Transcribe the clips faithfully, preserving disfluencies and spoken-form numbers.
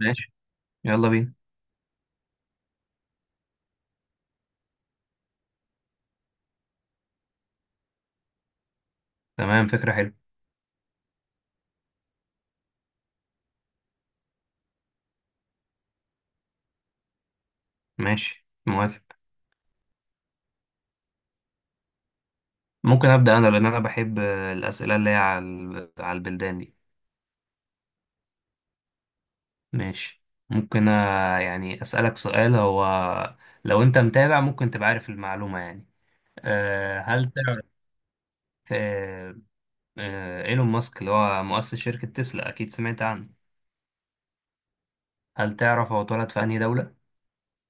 ماشي. يلا بينا. تمام، فكرة حلوة. ماشي، موافق. ممكن أبدأ أنا لأن أنا بحب الأسئلة اللي هي على ال- على البلدان دي. ماشي. ممكن آه، يعني أسألك سؤال. هو لو أنت متابع ممكن تبقى عارف المعلومة يعني. أه هل تعرف أه أه إيلون ماسك اللي هو مؤسس شركة تسلا؟ أكيد سمعت عنه. هل تعرف هو اتولد في أنهي دولة؟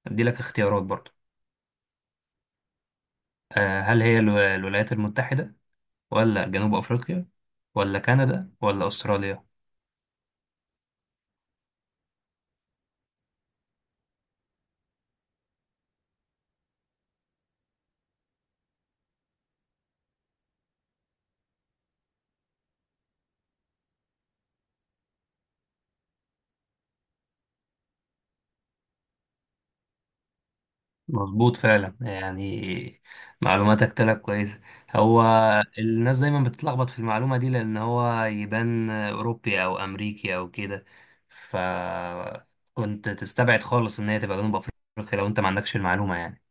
أدي لك اختيارات برضه. أه هل هي الو- الولايات المتحدة، ولا جنوب أفريقيا، ولا كندا، ولا أستراليا؟ مظبوط فعلا يعني، معلوماتك طلعت كويسة. هو الناس دايما بتتلخبط في المعلومة دي لأن هو يبان أوروبي أو أمريكي أو كده، فكنت تستبعد خالص إن هي تبقى جنوب أفريقيا لو أنت ما عندكش المعلومة يعني.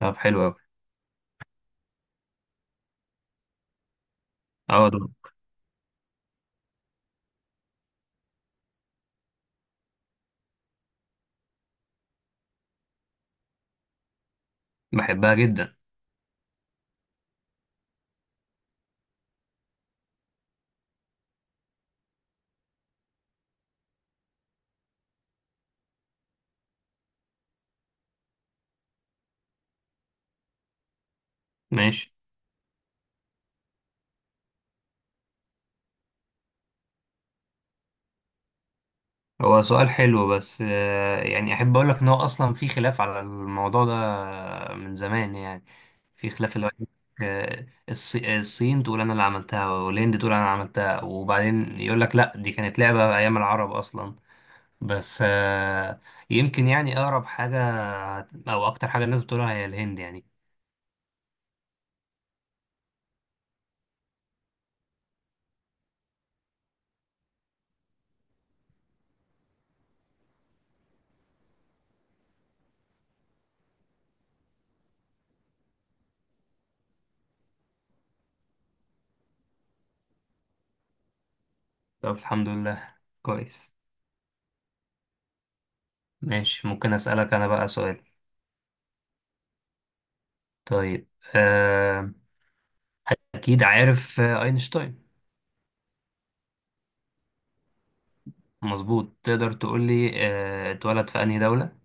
طب حلو أوي. أه دول. بحبها جدا. ماشي. هو سؤال حلو، بس آه، يعني احب اقول لك ان هو اصلا في خلاف على الموضوع ده من زمان يعني. في خلاف اللي هو يقولك، آه، الص- الصين تقول انا اللي عملتها، والهند تقول انا عملتها، وبعدين يقول لك لا دي كانت لعبة ايام العرب اصلا. بس آه، يمكن يعني اقرب حاجة او اكتر حاجة الناس بتقولها هي الهند يعني. طب الحمد لله. كويس. ماشي. ممكن اسألك انا بقى سؤال؟ طيب. آه، اكيد عارف آه، اينشتاين؟ مظبوط. تقدر تقول لي آه، اتولد في أنهي دولة؟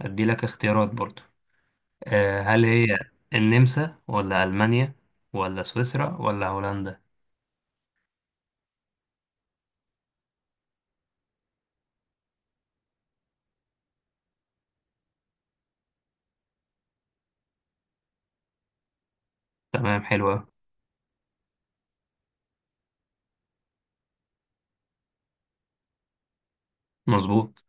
أدي لك اختيارات برضو. آه، هل هي النمسا، ولا ألمانيا، ولا سويسرا، ولا هولندا؟ تمام، حلو أوي. مظبوط.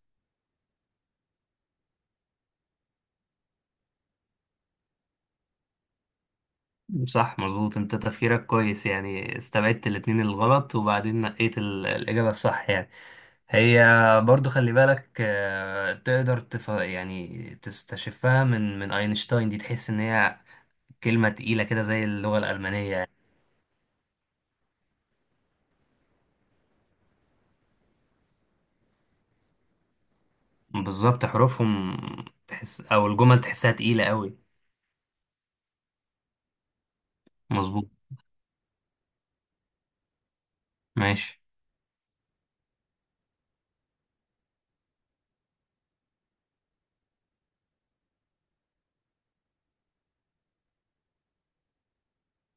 صح، مظبوط، انت تفكيرك كويس يعني، استبعدت الاتنين الغلط وبعدين نقيت ال- الإجابة الصح يعني. هي، برضو خلي بالك آه، تقدر تف... يعني تستشفها من من أينشتاين دي، تحس إن هي كلمة تقيلة كده زي اللغة الألمانية. بالظبط حروفهم. تحس او الجمل تحسها تقيلة قوي. مظبوط. ماشي.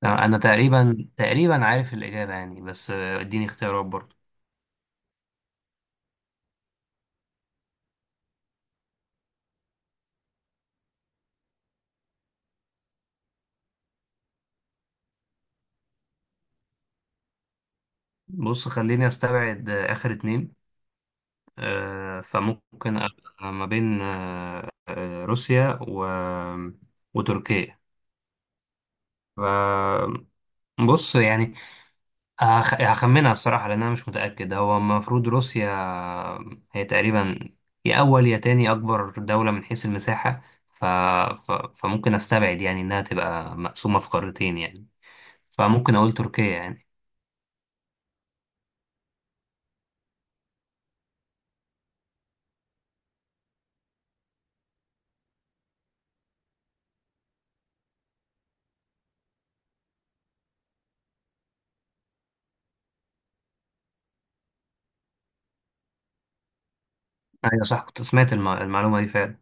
انا تقريبا تقريبا عارف الاجابة يعني، بس آه، اديني اختيارات برضه. بص، خليني استبعد آه، اخر اتنين. آه، فممكن أبقى ما بين آه، آه، روسيا و... وتركيا. ف- بص يعني، هخ- هخمنها الصراحة، لأن أنا مش متأكد. هو المفروض روسيا. هي تقريبا يا أول يا تاني أكبر دولة من حيث المساحة. ف... ف... فممكن أستبعد يعني إنها تبقى مقسومة في قارتين يعني، فممكن أقول تركيا يعني. أيوة صح، كنت سمعت الم... المعلومة دي فعلا.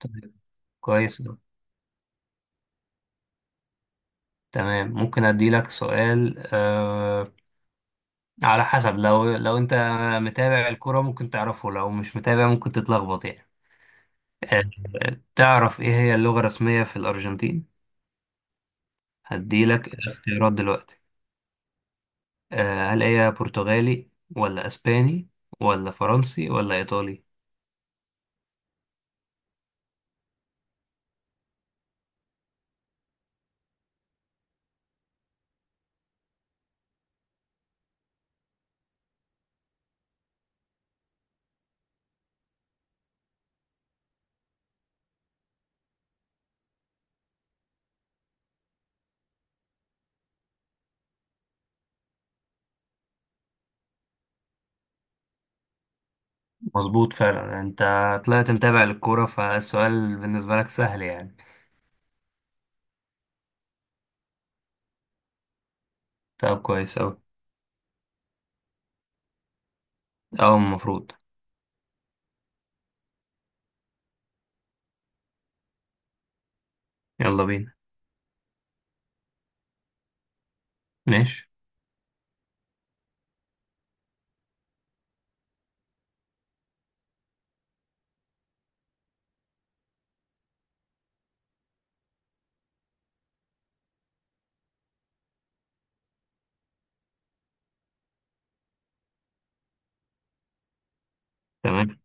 طيب، كويس أوي. تمام، ممكن أدي لك سؤال. أه... على حسب، لو لو أنت متابع الكرة ممكن تعرفه، لو مش متابع ممكن تتلخبط يعني. أه... تعرف إيه هي اللغة الرسمية في الأرجنتين؟ هديلك الاختيارات دلوقتي. آه هل هي برتغالي، ولا اسباني، ولا فرنسي، ولا ايطالي؟ مظبوط فعلا، انت طلعت متابع للكورة، فالسؤال بالنسبة لك سهل يعني. طب كويس اوي. او المفروض. يلا بينا. ماشي. تمام.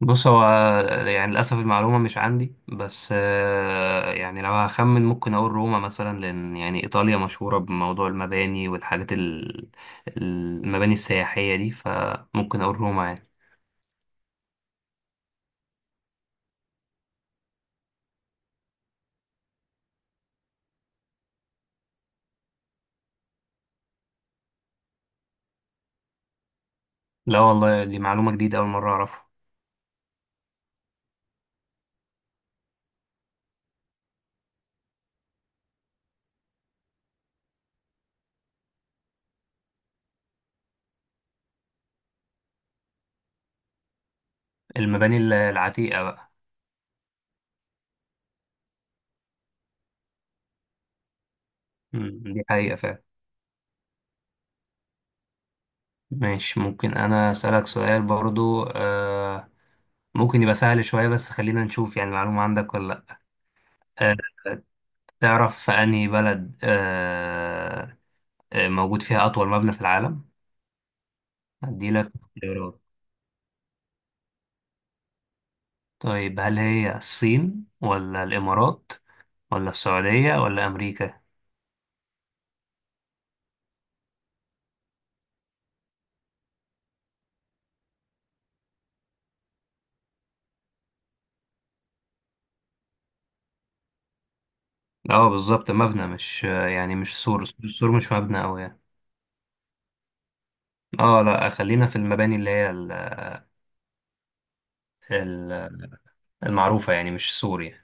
بص هو يعني، للأسف المعلومة مش عندي، بس آه، يعني لو هخمن ممكن أقول روما مثلا، لأن يعني إيطاليا مشهورة بموضوع المباني والحاجات ال- المباني السياحية دي، فممكن أقول روما يعني. لا والله، دي معلومة جديدة، أول مرة أعرفها. المباني ال- العتيقة بقى. مم، دي حقيقة فعلا. ماشي. ممكن أنا أسألك سؤال برضو؟ آه ممكن يبقى سهل شوية، بس خلينا نشوف يعني المعلومة عندك ولا لأ. آه تعرف في أنهي بلد آه آه، موجود فيها أطول مبنى في العالم؟ هديلك اختيارات. طيب، هل هي الصين، ولا الإمارات، ولا السعودية، ولا أمريكا؟ اه، بالظبط، مبنى مش آه، يعني، مش سور، السور مش مبنى أوي يعني. اه، لا خلينا في المباني اللي هي ال- المعروفة يعني، مش سوري.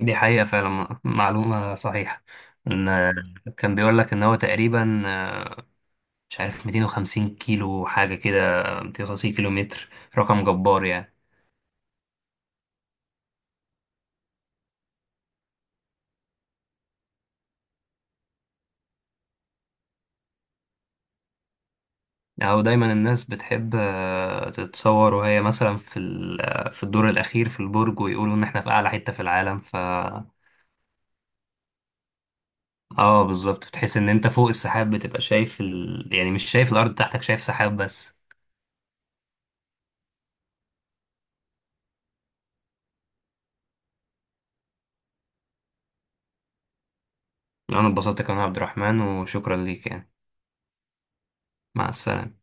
دي حقيقة فعلا، معلومة صحيحة. إن كان بيقول لك إن هو تقريبا آه، مش عارف، مئتين وخمسين كيلو حاجة كده، مئتين وخمسين كيلو متر، رقم جبار يعني. أو دايما الناس بتحب آه، تتصور وهي مثلا في ال- آه، في الدور الأخير في البرج، ويقولوا إن إحنا في أعلى حتة في العالم ف آه، بالظبط، بتحس إن أنت فوق السحاب، بتبقى شايف ال... يعني مش شايف الأرض تحتك، شايف سحاب بس. أنا اتبسطت كمان يا عبد الرحمن، وشكرا ليك يعني. مع السلامة.